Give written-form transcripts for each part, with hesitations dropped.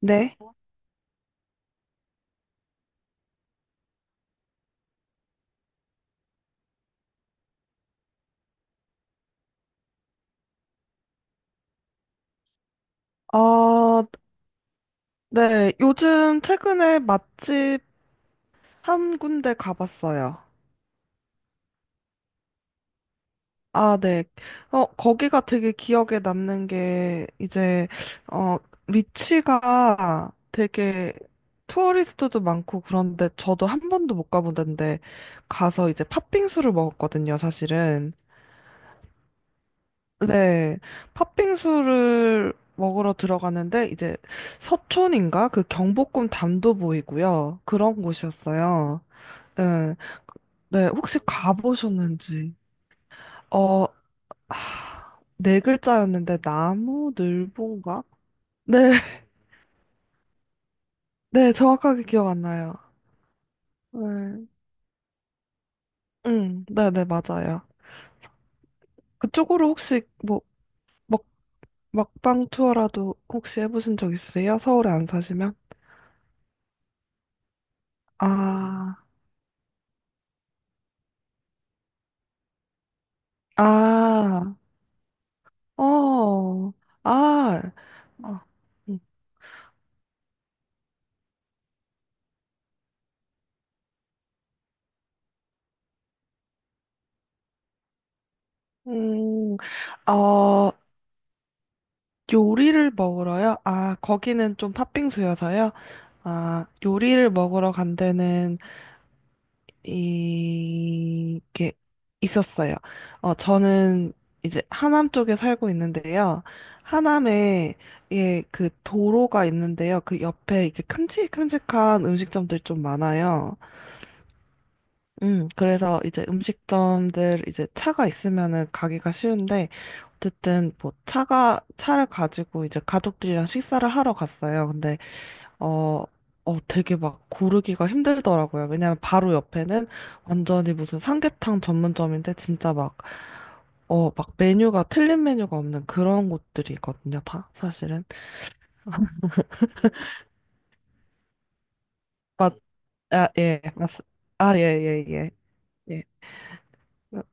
네. 어, 네. 요즘 최근에 맛집 한 군데 가봤어요. 아, 네. 거기가 되게 기억에 남는 게 이제 어, 위치가 되게 투어리스트도 많고 그런데 저도 한 번도 못 가본 데인데 가서 이제 팥빙수를 먹었거든요, 사실은. 네. 팥빙수를 먹으러 들어가는데 이제 서촌인가? 그 경복궁 담도 보이고요. 그런 곳이었어요. 네, 네, 혹시 가보셨는지. 어, 네 글자였는데, 나무늘보인가? 네, 네, 정확하게 기억 안 나요. 네, 응, 네, 네, 맞아요. 그쪽으로 혹시 뭐, 먹, 먹방 투어라도 혹시 해보신 적 있으세요? 서울에 안 사시면? 아, 아, 어, 아, 어, 음, 음, 어, 요리를 먹으러요? 아, 거기는 좀 팥빙수여서요? 아, 요리를 먹으러 간 데는, 이, 게 있었어요. 저는 이제 하남 쪽에 살고 있는데요. 하남에, 예, 그 도로가 있는데요. 그 옆에 이렇게 큼직큼직한 음식점들 좀 많아요. 그래서 이제 음식점들 이제 차가 있으면은 가기가 쉬운데, 어쨌든 뭐 차를 가지고 이제 가족들이랑 식사를 하러 갔어요. 근데, 어, 되게 막 고르기가 힘들더라고요. 왜냐면 바로 옆에는 완전히 무슨 삼계탕 전문점인데, 진짜 막, 막 메뉴가 틀린 메뉴가 없는 그런 곳들이 있거든요, 다, 사실은. 맞, 아, 예, 아, 예, 예, 예. 예.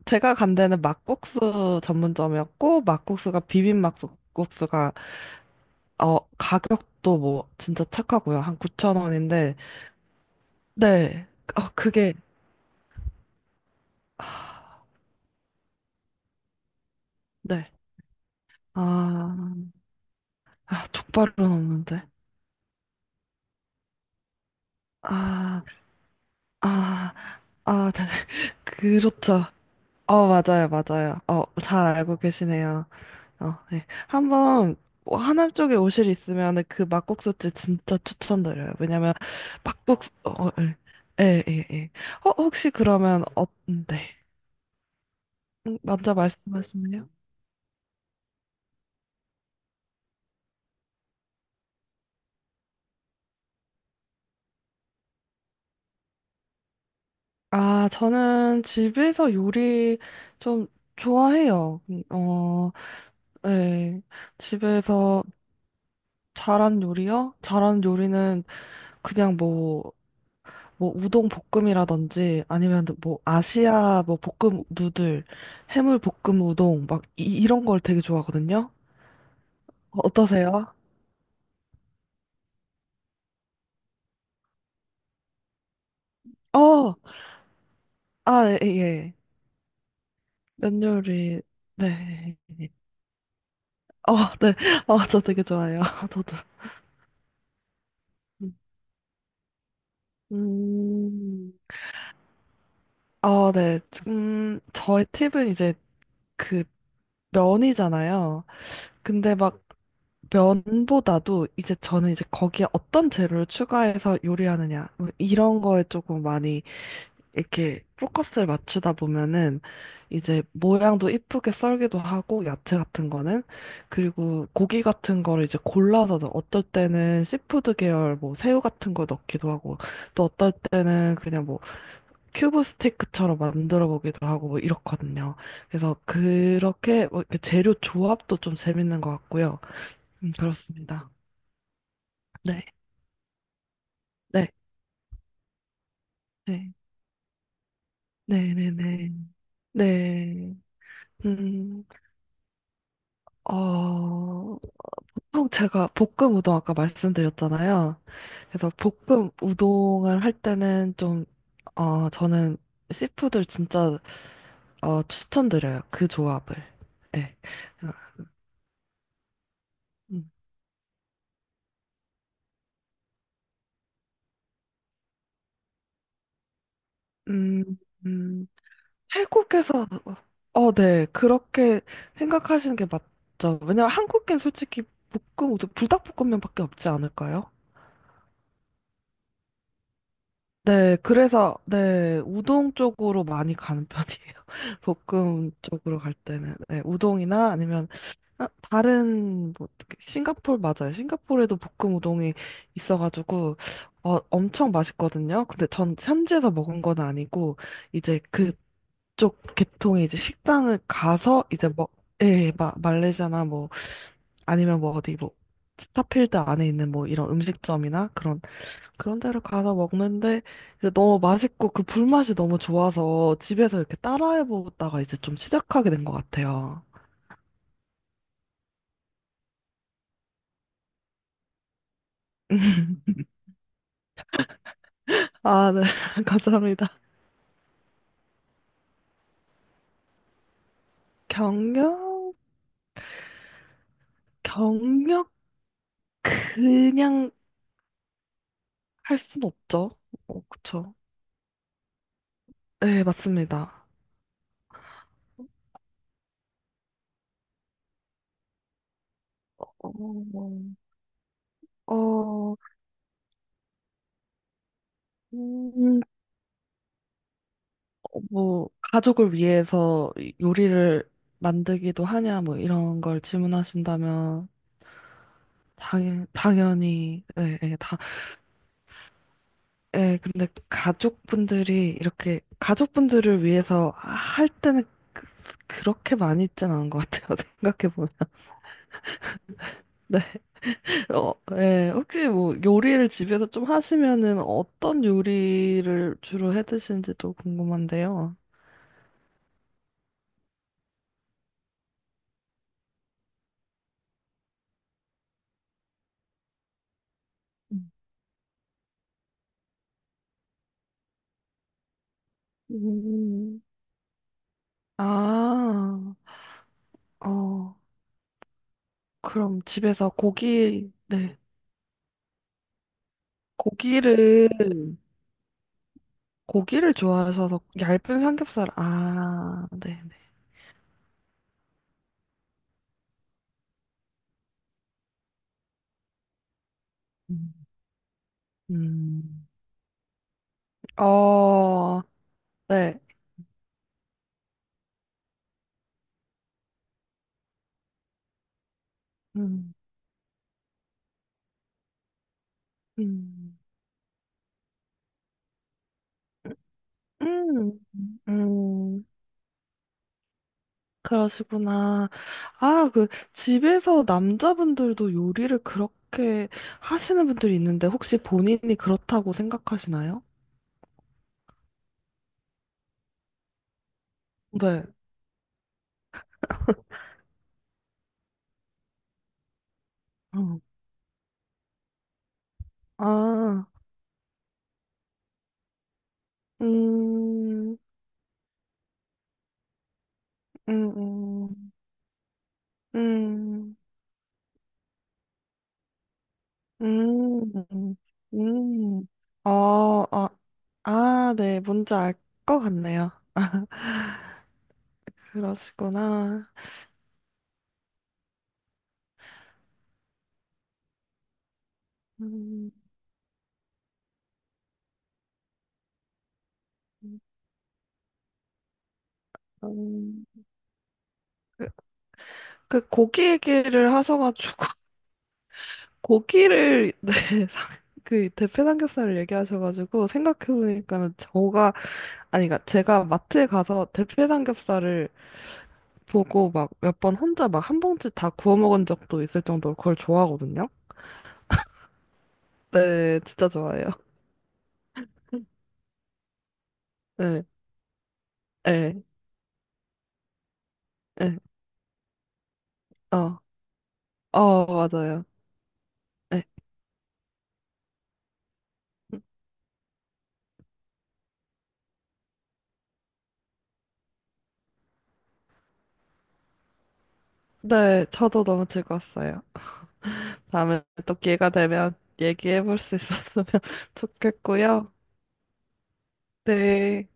제가 간 데는 막국수 전문점이었고, 막국수가 비빔 막국수가, 가격도 뭐, 진짜 착하고요. 한 9,000원인데, 네. 그게, 아, 네. 아, 아, 족발은 없는데. 아, 아, 아, 네. 그렇죠. 맞아요, 맞아요. 잘 알고 계시네요. 네. 한번 뭐 하남 쪽에 오실 있으면 그 막국수집 진짜 추천드려요. 왜냐면 막국수 예, 예, 예. 예. 혹시 그러면 네. 먼저 말씀하시면요. 아, 저는 집에서 요리 좀 좋아해요. 예. 집에서 잘한 요리요? 잘한 요리는 그냥 뭐 우동 볶음이라든지 아니면 뭐 아시아 뭐 볶음 누들, 해물 볶음 우동 막 이, 런걸 되게 좋아하거든요. 어떠세요? 어, 아, 예, 예. 면 요리, 네. 어, 네. 저 되게 좋아해요. 저도. 음, 네. 저의 팁은 이제 그 면이잖아요. 근데 막 면보다도 이제 저는 이제 거기에 어떤 재료를 추가해서 요리하느냐 뭐 이런 거에 조금 많이 이렇게 포커스를 맞추다 보면은 이제 모양도 이쁘게 썰기도 하고 야채 같은 거는 그리고 고기 같은 거를 이제 골라서 어떨 때는 시푸드 계열 뭐 새우 같은 거 넣기도 하고 또 어떨 때는 그냥 뭐 큐브 스테이크처럼 만들어 보기도 하고 뭐 이렇거든요. 그래서 그렇게 뭐 이렇게 재료 조합도 좀 재밌는 것 같고요. 그렇습니다. 네, 네, 네, 네, 네, 네, 네. 음, 어, 보통 제가 볶음 우동 아까 말씀드렸잖아요. 그래서 볶음 우동을 할 때는 좀, 저는 씨푸드 진짜 추천드려요. 그 조합을. 네. 음, 음, 음, 태국에서, 네, 그렇게 생각하시는 게 맞죠. 왜냐면 한국엔 솔직히 볶음 우동, 불닭볶음면밖에 없지 않을까요? 네, 그래서, 네, 우동 쪽으로 많이 가는 편이에요. 볶음 쪽으로 갈 때는. 네, 우동이나 아니면, 아, 다른, 뭐, 싱가폴 맞아요. 싱가폴에도 볶음 우동이 있어가지고, 엄청 맛있거든요. 근데 전 현지에서 먹은 건 아니고, 이제 그쪽 계통의 이제 식당을 가서, 이제 뭐, 예, 말레이시아나 뭐, 아니면 뭐 어디 뭐, 스타필드 안에 있는 뭐 이런 음식점이나 그런 데를 가서 먹는데 이제 너무 맛있고 그 불맛이 너무 좋아서 집에서 이렇게 따라해 보다가 이제 좀 시작하게 된 것 같아요. 아, 네. 감사합니다. 경력, 경력 그냥 할 순 없죠. 그쵸. 네, 맞습니다. 어, 어, 음, 뭐, 가족을 위해서 요리를 만들기도 하냐, 뭐, 이런 걸 질문하신다면, 당연히, 네, 네, 예, 근데 가족분들이 이렇게 가족분들을 위해서 할 때는 그- 그렇게 많이 있진 않은 것 같아요. 생각해보면. 네. 예, 혹시 뭐 요리를 집에서 좀 하시면은 어떤 요리를 주로 해 드시는지도 궁금한데요. 음, 음. 아, 어, 그럼 집에서 고기, 네. 고기를, 고기를 좋아하셔서 얇은 삼겹살, 아, 네네. 음. 음. 어, 네. 음, 음, 음, 음, 그러시구나. 아, 집에서 남자분들도 요리를 그렇게 하시는 분들이 있는데, 혹시 본인이 그렇다고 생각하시나요? 네. 어. 아, 음, 음, 음, 음, 음, 음. 어, 어, 아, 네, 뭔지 알 것 같네요. 그러시구나. 음. 음, 그, 그 고기 얘기를 하셔가지고 고기를 네, 상- 그 대패 삼겹살을 얘기하셔가지고 생각해보니까는 저가 아니 그러니까 제가 마트에 가서 대패 삼겹살을 보고 막 몇 번 혼자 막 한 봉지 다 구워 먹은 적도 있을 정도로 그걸 좋아하거든요. 네, 진짜 좋아해요. 네, 네, 네, 어, 맞아요. 네, 네, 저도 너무 즐거웠어요. 다음에 또 기회가 되면 얘기해볼 수 있었으면 좋겠고요. 네.